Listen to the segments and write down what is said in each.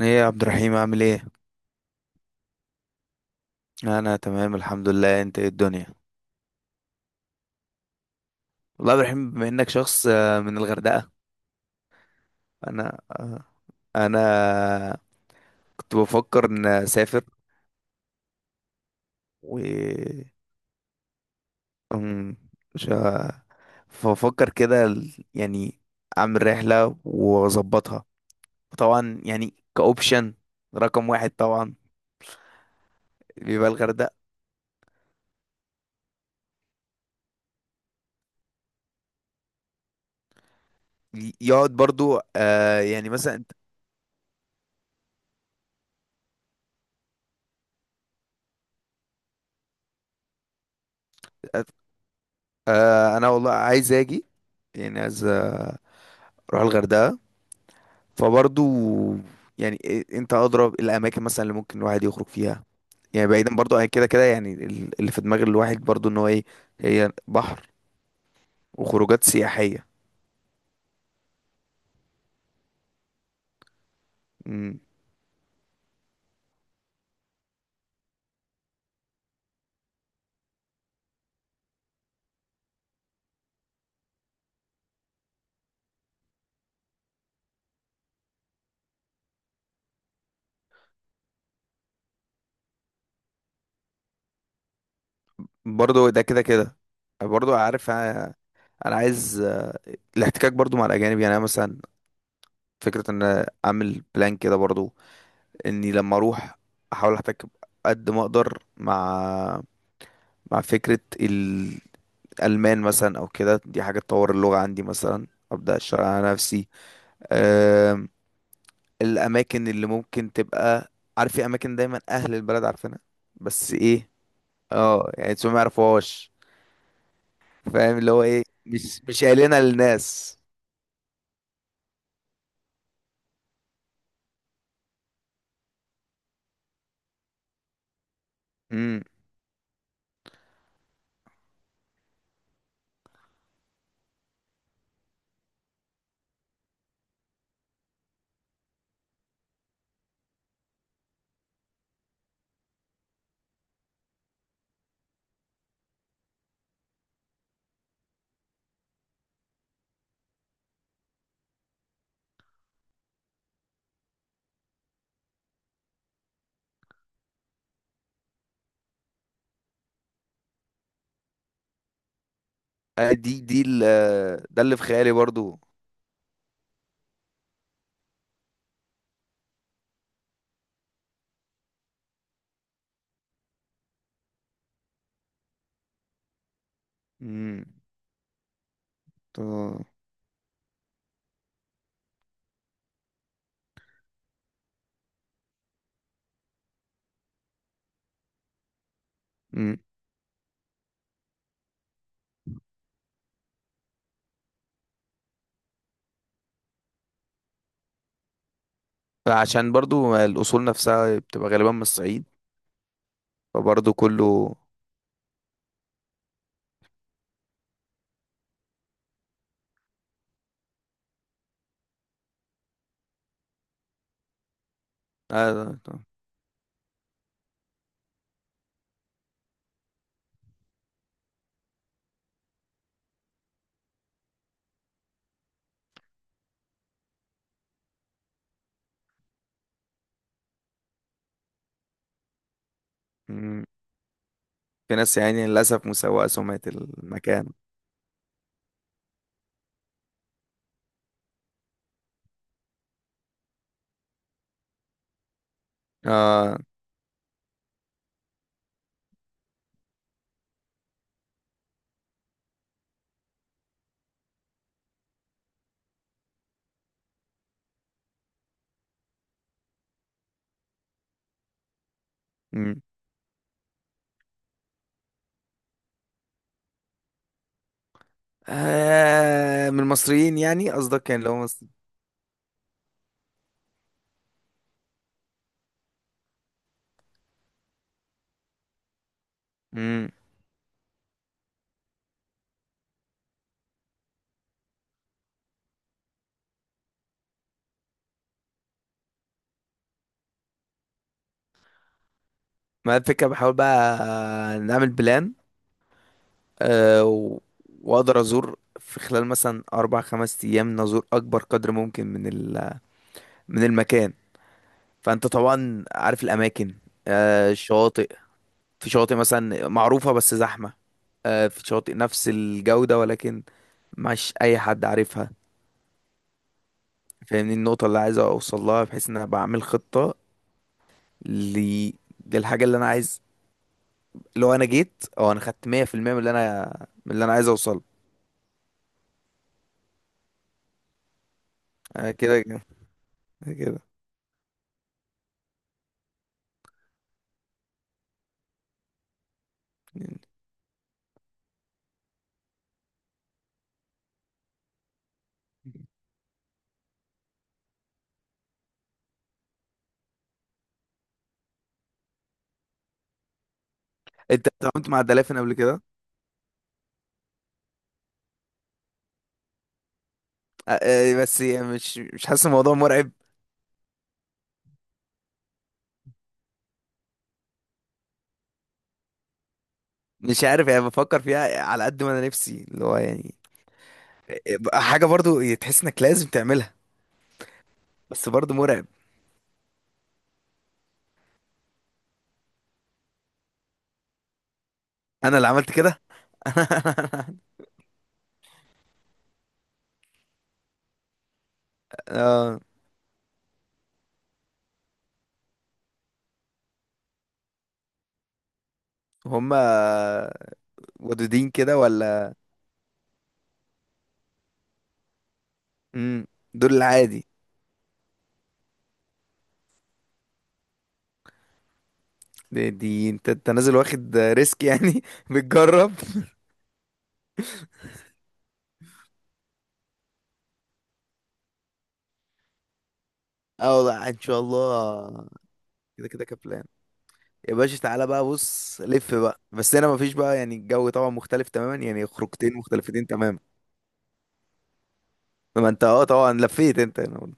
ايه يا عبد الرحيم عامل ايه؟ انا تمام الحمد لله. انت ايه الدنيا؟ والله يا عبد الرحيم بما انك شخص من الغردقة. انا آه، انا كنت بفكر ان اسافر و أم، مش ه- فبفكر كده يعني اعمل رحلة واظبطها. طبعا يعني كاوبشن رقم واحد طبعا بيبقى الغردقة. يقعد برضو آه يعني مثلا. أنت- انا والله عايز اجي. يعني عايز اروح الغردقة. فبرضو يعني انت ادرى الاماكن مثلا اللي ممكن الواحد يخرج فيها. يعني بعيدا برضو عن كده كده يعني اللي في دماغ الواحد برضو ان هو ايه، هي بحر وخروجات سياحية. مم. برضو ده كده كده. برضو عارف انا، أنا عايز الاحتكاك برضو مع الاجانب. يعني انا مثلا فكرة ان أنا اعمل بلان كده برضو، اني لما اروح احاول احتك قد ما اقدر مع مع فكرة الالمان مثلا او كده. دي حاجة تطور اللغة عندي مثلا، ابدا اشتغل على نفسي. آم، الاماكن اللي ممكن تبقى، عارف في اماكن دايما اهل البلد عارفينها بس ايه، اه يعني انتوا ما يعرفوهاش. فاهم اللي هو ايه، مش قايلينها للناس. امم. آه، دي دي ال- آه، ده اللي في خيالي برضو. امم. تو- امم. عشان برضو الاصول نفسها بتبقى غالبا من الصعيد، فبرضو كله. آه... امم. في ناس يعني للاسف مسوقه سمعه المكان. اه، من المصريين يعني قصدك كان لو مصري. امم. ما الفكرة بحاول بقى نعمل بلان. آه و... واقدر ازور في خلال مثلا اربع خمس ايام، نزور اكبر قدر ممكن من من المكان. فانت طبعا عارف الاماكن، الشواطئ. في شواطئ مثلا معروفة بس زحمة، في شواطئ نفس الجودة ولكن مش اي حد عارفها. فاهمني النقطة اللي عايز اوصل لها، بحيث ان انا بعمل خطة ل... للحاجة اللي انا عايز. لو انا جيت او انا خدت 100% من اللي انا من اللي انا عايز اوصله. انا كده كده كده يعني. انت اتعاملت مع الدلافين قبل كده؟ بس يعني مش حاسس الموضوع مرعب؟ مش عارف يعني، بفكر فيها على قد ما انا نفسي اللي هو يعني حاجه برضو يعني تحس انك لازم تعملها، بس برضو مرعب. انا اللي عملت كده. هما ودودين كده ولا؟ امم. دول العادي؟ دي, دي انت انت نازل واخد ريسك يعني. بتجرب. اه والله ان شاء الله. كده كده كبلان. يا باشا تعالى بقى، بص لف بقى بس هنا مفيش بقى. يعني الجو طبعا مختلف تماما، يعني خروجتين مختلفتين تماما. ما انت اه طبعا لفيت انت هنا.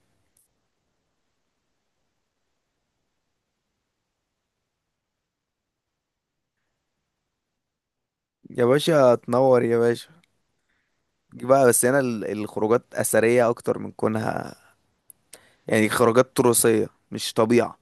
يا باشا تنور يا باشا. جي بقى بس هنا الخروجات أثرية أكتر من كونها، يعني خروجات تراثية مش طبيعة.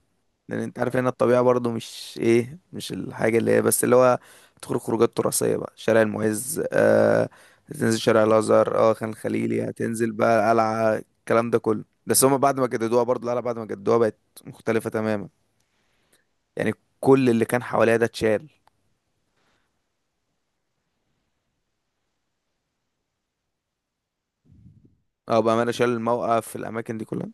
لأن أنت عارف هنا الطبيعة برضو مش إيه، مش الحاجة اللي هي بس اللي هو تخرج خروجات تراثية. بقى شارع المعز، آه، تنزل شارع الأزهر، اه خان الخليلي، هتنزل بقى القلعة، الكلام ده كله. بس هما بعد ما جددوها، برضو القلعة بعد ما جددوها بقت مختلفة تماما. يعني كل اللي كان حواليها ده اتشال. اه بأمانة، شال الموقف في الأماكن دي كلها.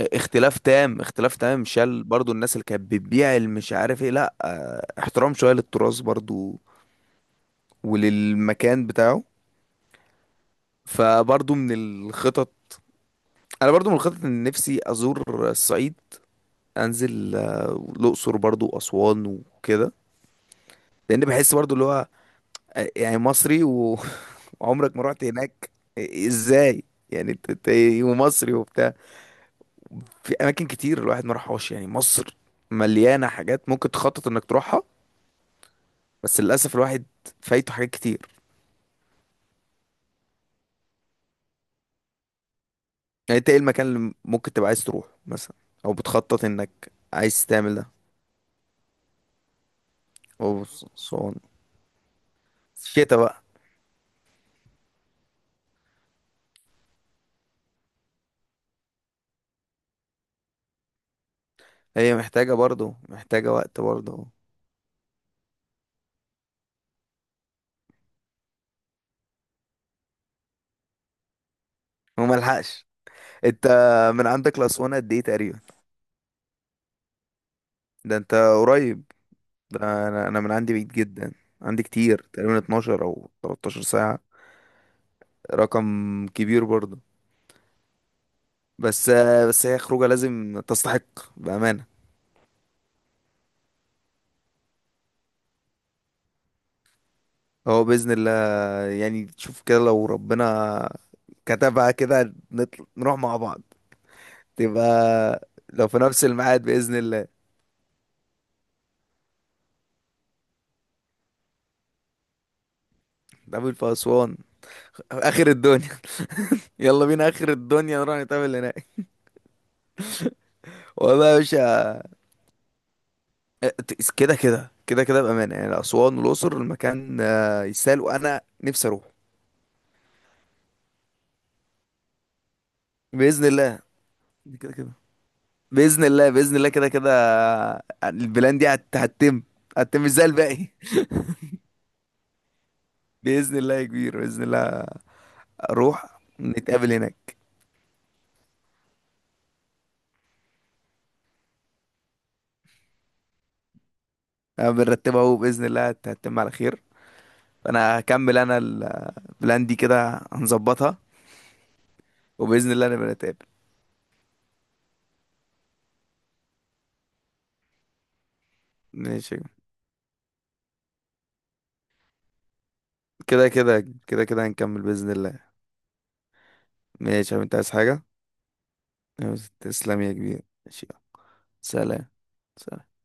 اختلاف تام، اختلاف تام. شال برضو الناس اللي كانت بتبيع اللي مش عارف ايه. لا اه، احترام شوية للتراث برضو وللمكان بتاعه. فبرضو من الخطط، انا برضو من الخطط ان نفسي ازور الصعيد. انزل الاقصر برضو واسوان وكده. لان بحس برضو اللي هو يعني مصري وعمرك ما رحت هناك. ازاي يعني انت ومصري وبتاع؟ في اماكن كتير الواحد ما راحهاش. يعني مصر مليانه حاجات ممكن تخطط انك تروحها. بس للاسف الواحد فايته حاجات كتير. يعني انت ايه المكان اللي ممكن تبقى عايز تروح مثلا او بتخطط انك عايز تعمل ده؟ وصون شتا بقى. هي محتاجة برضو، محتاجة وقت برضو، وملحقش. انت من عندك لأسوان قد ايه تقريبا؟ ده انت قريب. ده انا، أنا من عندي بعيد جدا. عندي كتير، تقريبا 12 او 13 ساعة. رقم كبير برضو. بس بس هي خروجة لازم تستحق بأمانة. هو بإذن الله يعني، تشوف كده لو ربنا كتبها كده نروح مع بعض. تبقى لو في نفس الميعاد بإذن الله نقابل في أسوان، اخر الدنيا. يلا بينا اخر الدنيا، نروح نتقابل هناك. والله يا باشا، اه، كده كده كده كده بامانه. يعني اسوان والاقصر المكان يسال وانا نفسي اروح. باذن الله كده كده. باذن الله باذن الله كده كده. البلان دي هتتم. هتتم مش زي الباقي. باذن الله يا كبير باذن الله. اروح نتقابل هناك. أنا بنرتبها اهو، باذن الله هتتم على خير. فانا هكمل انا البلان دي كده هنظبطها، وباذن الله نبقى نتقابل. ماشي. كده كده كده كده هنكمل بإذن الله. ماشي يا حبيبي، انت عايز حاجة؟ تسلم يا كبير، ماشي يلا. سلام. سلام.